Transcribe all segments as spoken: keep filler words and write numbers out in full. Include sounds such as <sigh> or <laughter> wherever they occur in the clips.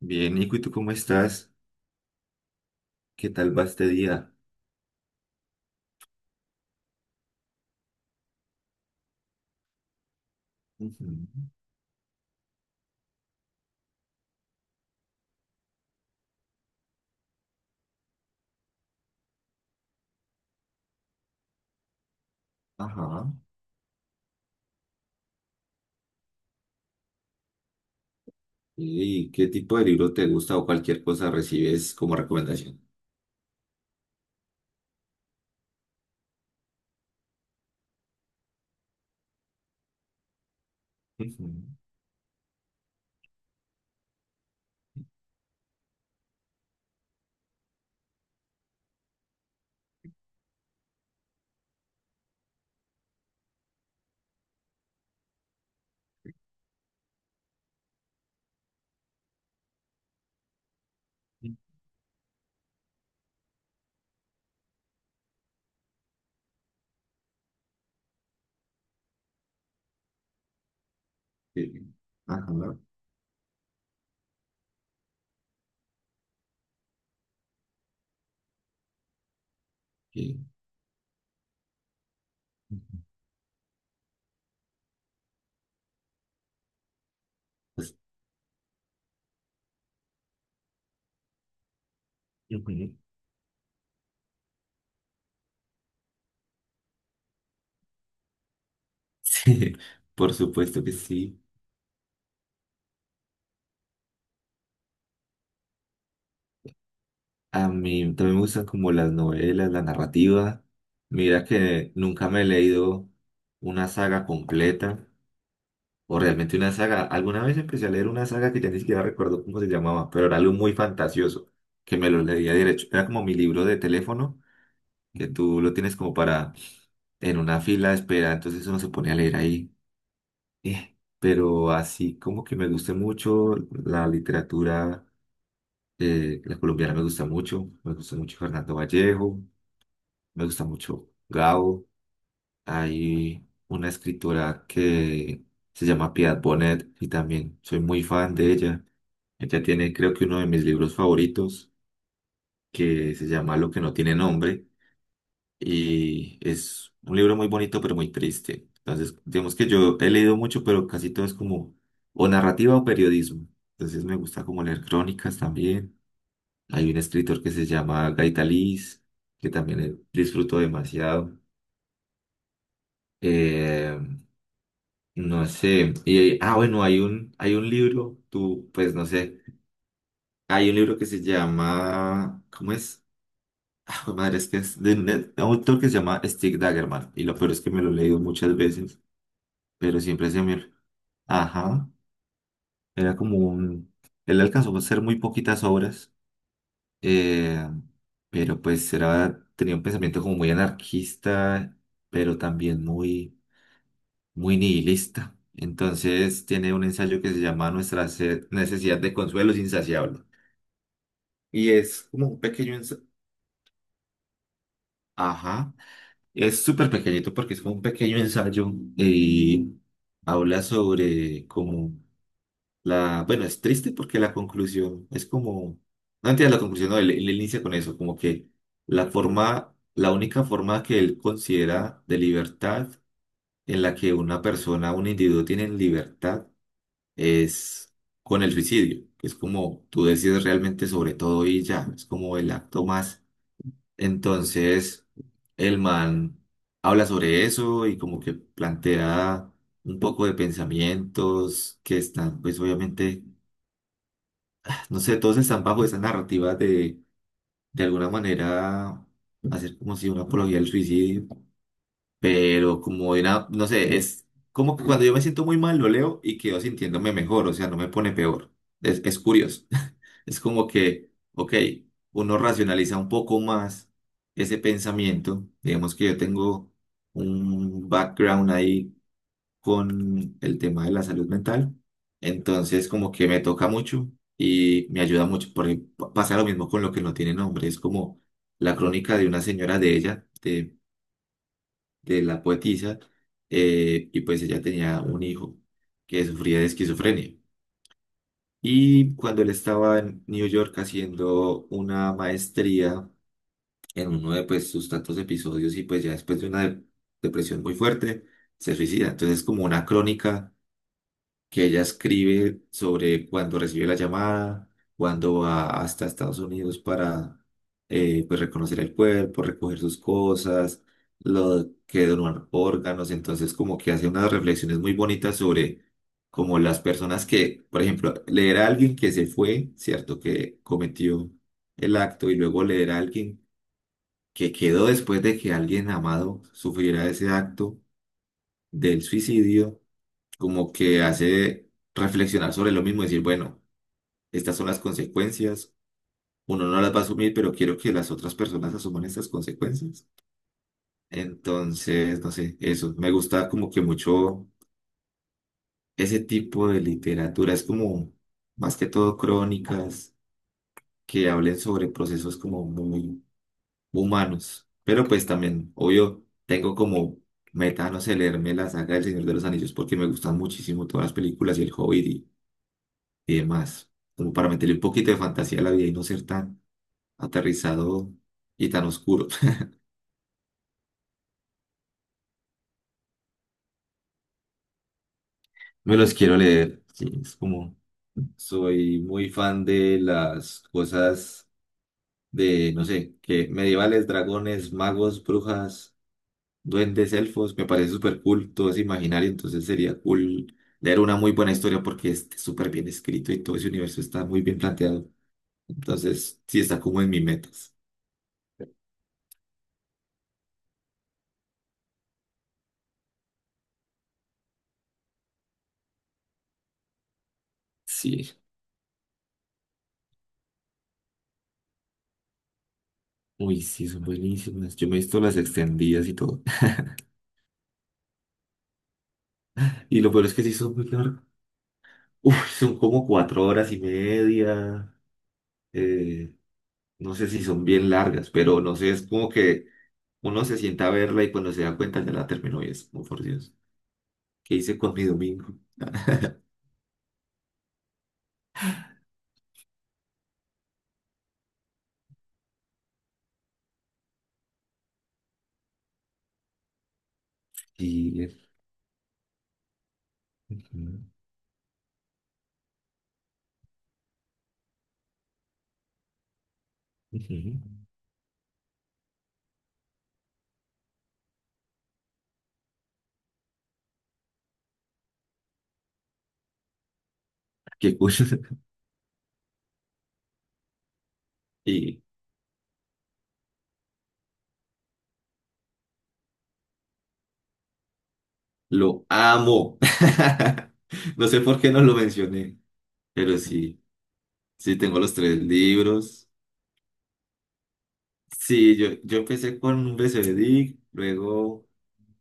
Bien, Nico, ¿y tú cómo estás? ¿Qué tal va este día? Ujú. Ajá. ¿Y qué tipo de libro te gusta o cualquier cosa recibes como recomendación? Ujú. Sí. Ajá. Sí. Ujú. Pues, ujú. <laughs> Sí, por supuesto que sí. A mí también me gustan como las novelas, la narrativa. Mira que nunca me he leído una saga completa. O realmente una saga. Alguna vez empecé a leer una saga que ya ni siquiera recuerdo cómo se llamaba, pero era algo muy fantasioso, que me lo leía derecho. Era como mi libro de teléfono, que tú lo tienes como para en una fila de espera, entonces uno se pone a leer ahí. Eh, pero así como que me gusta mucho la literatura, eh, la colombiana me gusta mucho, me gusta mucho Fernando Vallejo, me gusta mucho Gabo. Hay una escritora que se llama Piedad Bonet y también soy muy fan de ella. Ella tiene, creo que uno de mis libros favoritos, que se llama Lo que no tiene nombre, y es un libro muy bonito pero muy triste. Entonces, digamos que yo he leído mucho, pero casi todo es como o narrativa o periodismo. Entonces me gusta como leer crónicas también. Hay un escritor que se llama Gaitaliz, que también eh, disfruto demasiado. Eh, No sé. Y, ah, bueno, hay un, hay un libro, tú, pues no sé. Hay un libro que se llama, ¿cómo es? <laughs> Ah, jue madre, es que es de un de un autor que se llama Stig Dagerman. Y lo peor es que me lo he leído muchas veces, pero siempre se me... Ajá, era como un... Él alcanzó a hacer muy poquitas obras, eh, pero pues era, tenía un pensamiento como muy anarquista, pero también muy... muy nihilista. Entonces tiene un ensayo que se llama Nuestra se- necesidad de consuelo es insaciable. Y es como un pequeño ensayo, ajá, es súper pequeñito porque es como un pequeño ensayo y habla sobre como la, bueno, es triste porque la conclusión es como, no entiendo la conclusión, no, él, él inicia con eso, como que la forma, la única forma que él considera de libertad en la que una persona, un individuo tiene libertad es con el suicidio, que es como tú decides realmente sobre todo y ya, es como el acto más. Entonces, el man habla sobre eso y como que plantea un poco de pensamientos que están, pues obviamente, no sé, todos están bajo esa narrativa de, de alguna manera, hacer como si una apología del suicidio, pero como de una, no sé, es... Como que cuando yo me siento muy mal, lo leo y quedo sintiéndome mejor, o sea, no me pone peor. Es, es curioso. Es como que, ok, uno racionaliza un poco más ese pensamiento. Digamos que yo tengo un background ahí con el tema de la salud mental. Entonces, como que me toca mucho y me ayuda mucho. Por ej- pa- pasa lo mismo con lo que no tiene nombre. Es como la crónica de una señora de ella, de, de la poetisa, eh, y pues ella tenía un hijo que sufría de esquizofrenia. Y cuando él estaba en New York haciendo una maestría en uno de pues, sus tantos episodios y pues ya después de una de- depresión muy fuerte, se suicida. Entonces es como una crónica que ella escribe sobre cuando recibe la llamada, cuando va hasta Estados Unidos para eh, pues reconocer el cuerpo, recoger sus cosas, lo que donan órganos, entonces como que hace unas reflexiones muy bonitas sobre como las personas que, por ejemplo, leer a alguien que se fue, ¿cierto? Que cometió el acto y luego leer a alguien que quedó después de que alguien amado sufriera ese acto del suicidio como que hace reflexionar sobre lo mismo, decir, bueno, estas son las consecuencias, uno no las va a asumir, pero quiero que las otras personas asuman estas consecuencias. Entonces, no sé, eso, me gusta como que mucho ese tipo de literatura, es como más que todo crónicas que hablen sobre procesos como muy humanos, pero pues también, obvio, tengo como... Meta, no sé, leerme la saga del Señor de los Anillos porque me gustan muchísimo todas las películas y el Hobbit y demás, como para meterle un poquito de fantasía a la vida y no ser tan aterrizado y tan oscuro. <laughs> Me los quiero leer, sí, es como... Soy muy fan de las cosas de, no sé, que medievales, dragones, magos, brujas, duendes, elfos, me parece súper cool, todo es imaginario, entonces sería cool leer una muy buena historia porque es súper bien escrito y todo ese universo está muy bien planteado. Entonces, sí está como en mis metas. Sí. Uy, sí, son buenísimas. Yo me he visto las extendidas y todo. <laughs> Y lo peor es que sí son muy largas. Uy, son como cuatro horas y media. Eh, no sé si son bien largas, pero no sé, es como que uno se sienta a verla y cuando se da cuenta ya la terminó y es como, por Dios, ¿qué hice con mi domingo? Y... eh, ujú, ujú. Qué cosa. <laughs> Y lo amo. <laughs> No sé por qué no lo mencioné, pero sí, sí tengo los tres libros. Sí, yo, yo empecé con un BCBDIC, luego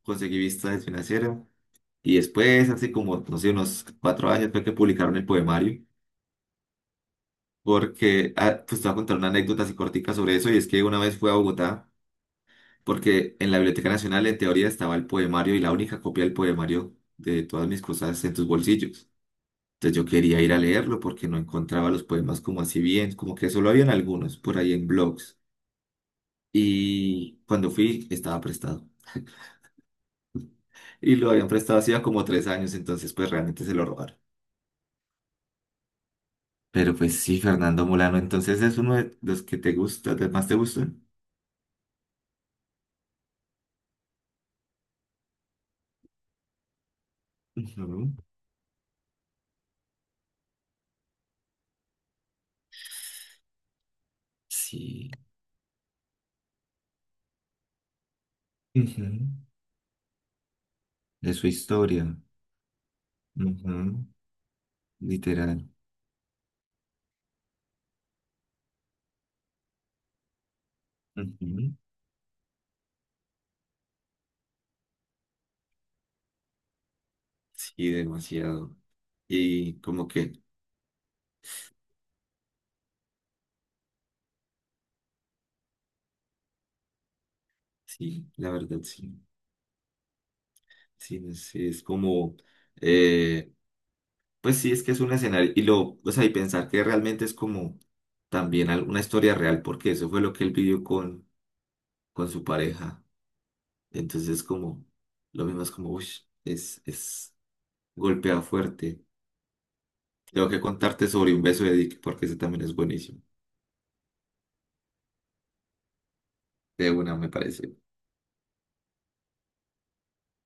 conseguí vista de financiera y después, hace como, no sé, unos cuatro años fue que publicaron el poemario, porque, ah, pues te voy a contar una anécdota así cortica sobre eso y es que una vez fui a Bogotá, porque en la Biblioteca Nacional en teoría estaba el poemario y la única copia del poemario de todas mis cosas en tus bolsillos. Entonces yo quería ir a leerlo porque no encontraba los poemas como así bien, como que solo habían algunos por ahí en blogs. Y cuando fui, estaba prestado. Y lo habían prestado hacía como tres años, entonces pues realmente se lo robaron. Pero pues sí, Fernando Molano, entonces es uno de los que te gusta, de más te gustan. Ujú. Sí. Ujú. De su historia. Ujú. Literal. Ujú. Sí, demasiado. Y como que, sí, la verdad, sí. Sí, no sé, es como, eh, pues sí, es que es un escenario. Y lo, o sea, y pensar que realmente es como también al- una historia real, porque eso fue lo que él vivió con con su pareja. Entonces, como, lo mismo es como, uy, es, es golpea fuerte. Tengo que contarte sobre un beso de Dick porque ese también es buenísimo. De una, me parece.